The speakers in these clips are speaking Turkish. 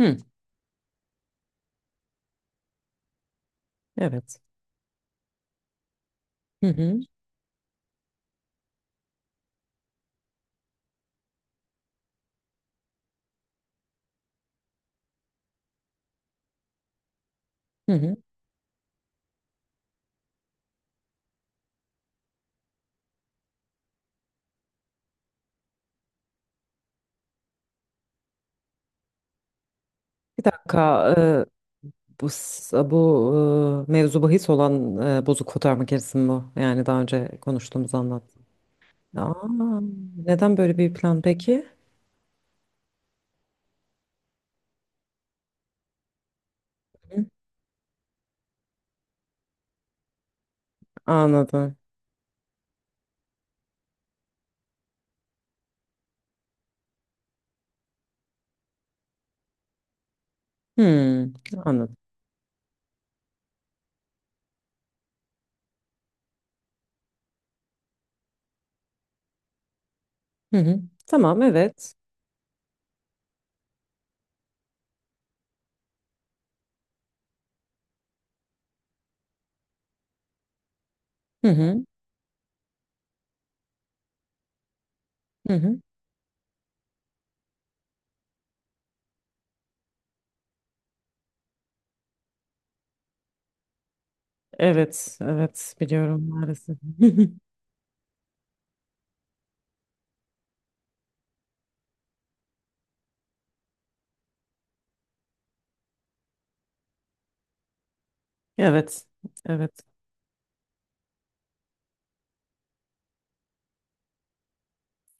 Hı, evet. Hı hı, hı hı. Bir dakika, bu s- bu e, mevzu bahis olan bozuk fotoğraf makinesi mi bu? Yani daha önce konuştuğumuz anlattım. Aa, neden böyle bir plan peki? Hı, anladım. Hı, anladım. Hı hı. Tamam, evet. Hı hı, hı hı. Evet, evet biliyorum maalesef. Evet, evet.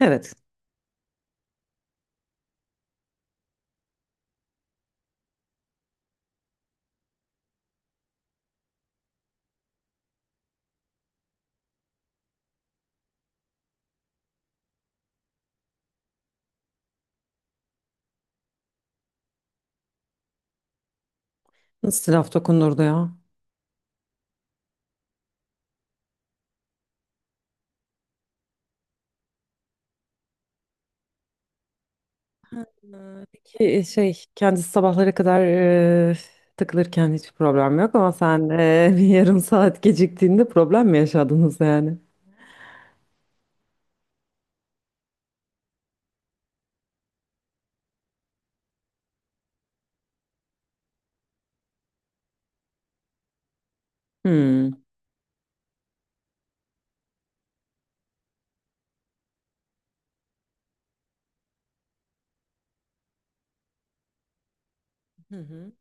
Evet. Nasıl laf dokunurdu ya? Ki şey kendisi sabahlara kadar e, takılırken hiç problem yok ama sen bir yarım saat geciktiğinde problem mi yaşadınız yani? Hmm. Hı hı.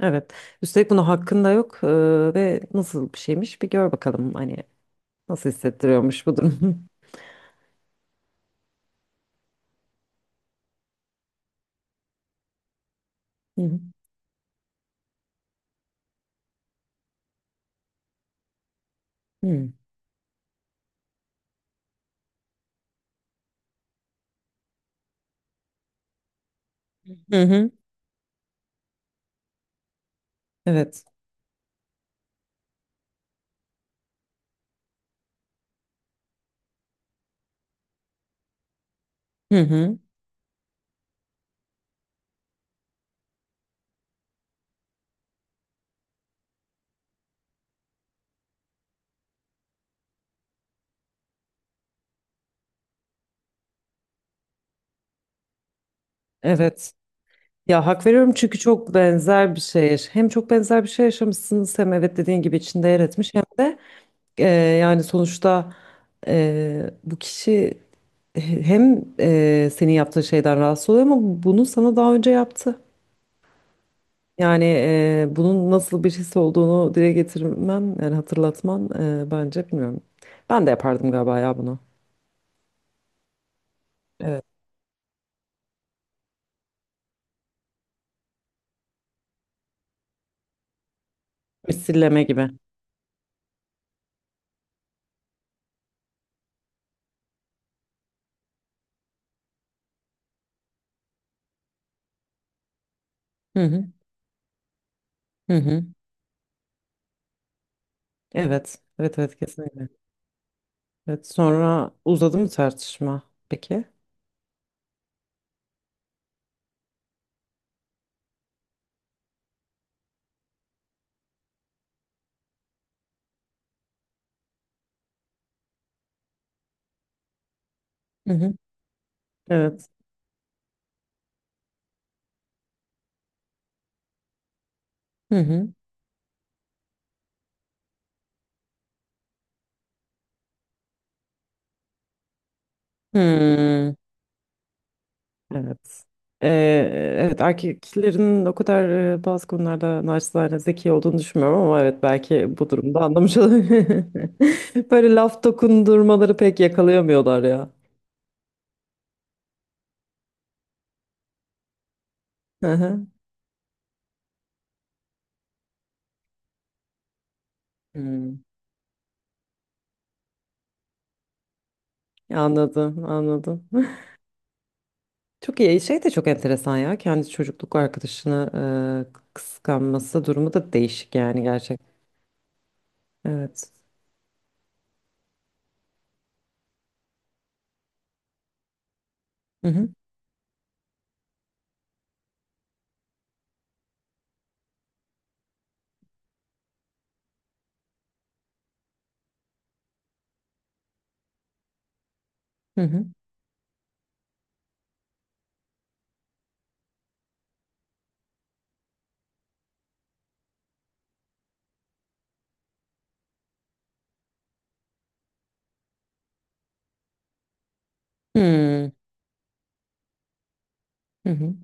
Evet. Üstelik buna hakkın da yok ve nasıl bir şeymiş bir gör bakalım hani nasıl hissettiriyormuş bu durum. Hı hı. Hı hı. Hı. Evet. Hı hı. Evet. Ya hak veriyorum çünkü çok benzer bir şey. Hem çok benzer bir şey yaşamışsınız, hem evet dediğin gibi içinde yer etmiş, hem de Eee, yani sonuçta bu kişi hem senin yaptığın şeyden rahatsız oluyor ama bunu sana daha önce yaptı. Yani bunun nasıl bir his olduğunu dile getirmen, yani hatırlatman, bence bilmiyorum. Ben de yapardım galiba ya bunu. Evet. Misilleme gibi. Hı hı. Hı hı. Evet. Evet, evet, kesinlikle. Evet, sonra uzadı mı tartışma peki? Hı hı. Evet. Hı hı. Hmm. Evet. Ee, evet, erkeklerin o kadar bazı konularda naçizane zeki olduğunu düşünmüyorum ama evet, belki bu durumda anlamış olabilir. Böyle laf dokundurmaları pek yakalayamıyorlar ya. Hı hı. Hmm. Anladım, anladım. Çok iyi. Şey de çok enteresan ya. Kendi çocukluk arkadaşını kıskanması durumu da değişik yani, gerçekten. Evet. Hı hı. Hı hı. Hmm. Hı hı.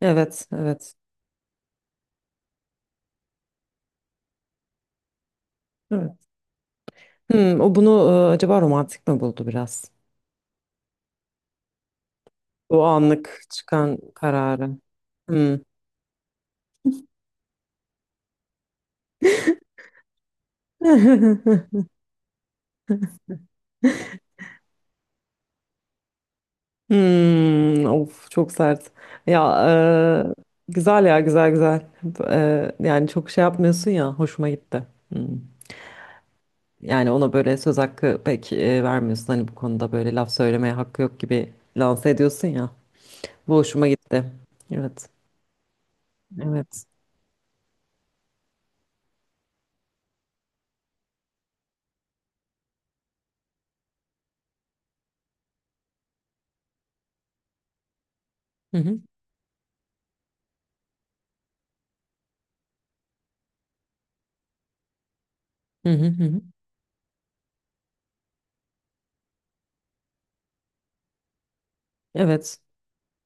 Evet, evet. Evet. Hmm, o bunu acaba romantik mi buldu biraz? Bu anlık çıkan kararı. Hmm. Hmm, of, çok sert. Ya güzel, ya güzel, güzel. Yani çok şey yapmıyorsun ya, hoşuma gitti. Hmm. Yani ona böyle söz hakkı pek vermiyorsun. Hani bu konuda böyle laf söylemeye hakkı yok gibi lanse ediyorsun ya. Bu hoşuma gitti. Evet. Evet. Hı hı. Hı hı hı. Hı. Evet.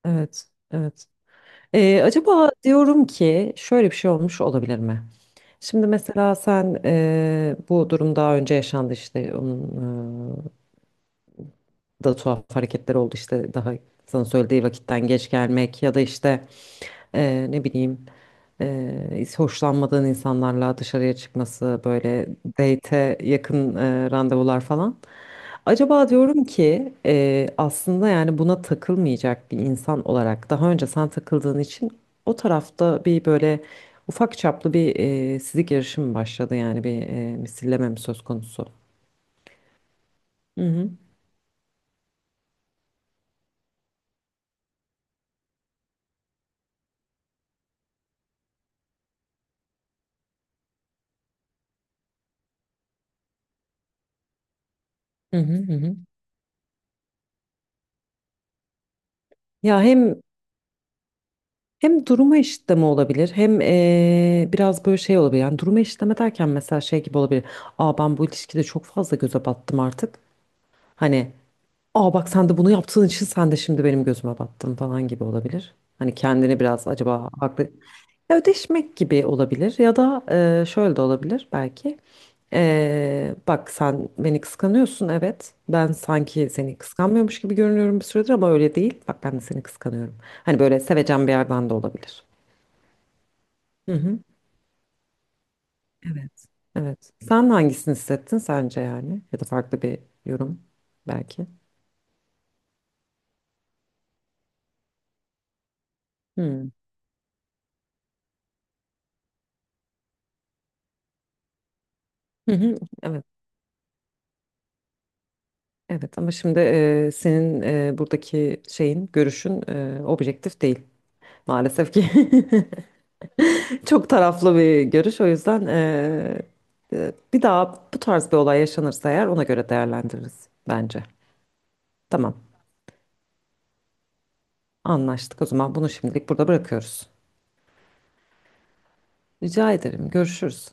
Evet. Evet. Acaba diyorum ki, şöyle bir şey olmuş olabilir mi? Şimdi mesela sen, bu durum daha önce yaşandı işte, da tuhaf hareketler oldu işte, daha sana söylediği vakitten geç gelmek ya da işte ne bileyim, hoşlanmadığın insanlarla dışarıya çıkması, böyle date'e yakın randevular falan. Acaba diyorum ki aslında, yani buna takılmayacak bir insan olarak, daha önce sen takıldığın için o tarafta bir böyle ufak çaplı bir sizi girişim başladı, yani bir misilleme mi söz konusu? Hı hı. Hı hı hı. Hı. Ya, hem duruma eşitleme olabilir, hem biraz böyle şey olabilir. Yani duruma eşitleme derken mesela şey gibi olabilir. Aa, ben bu ilişkide çok fazla göze battım artık. Hani, aa, bak sen de bunu yaptığın için sen de şimdi benim gözüme battın falan gibi olabilir. Hani kendini biraz acaba haklı, ya ödeşmek gibi olabilir, ya da şöyle de olabilir belki. Bak, sen beni kıskanıyorsun, evet. Ben sanki seni kıskanmıyormuş gibi görünüyorum bir süredir, ama öyle değil. Bak, ben de seni kıskanıyorum. Hani böyle sevecen bir yerden de olabilir. Hı hı. Evet. Evet. Sen hangisini hissettin sence, yani? Ya da farklı bir yorum belki. Hı. Hı hı. Evet. Evet, ama şimdi senin buradaki şeyin, görüşün objektif değil maalesef ki, çok taraflı bir görüş. O yüzden bir daha bu tarz bir olay yaşanırsa eğer, ona göre değerlendiririz bence. Tamam, anlaştık o zaman, bunu şimdilik burada bırakıyoruz. Rica ederim, görüşürüz.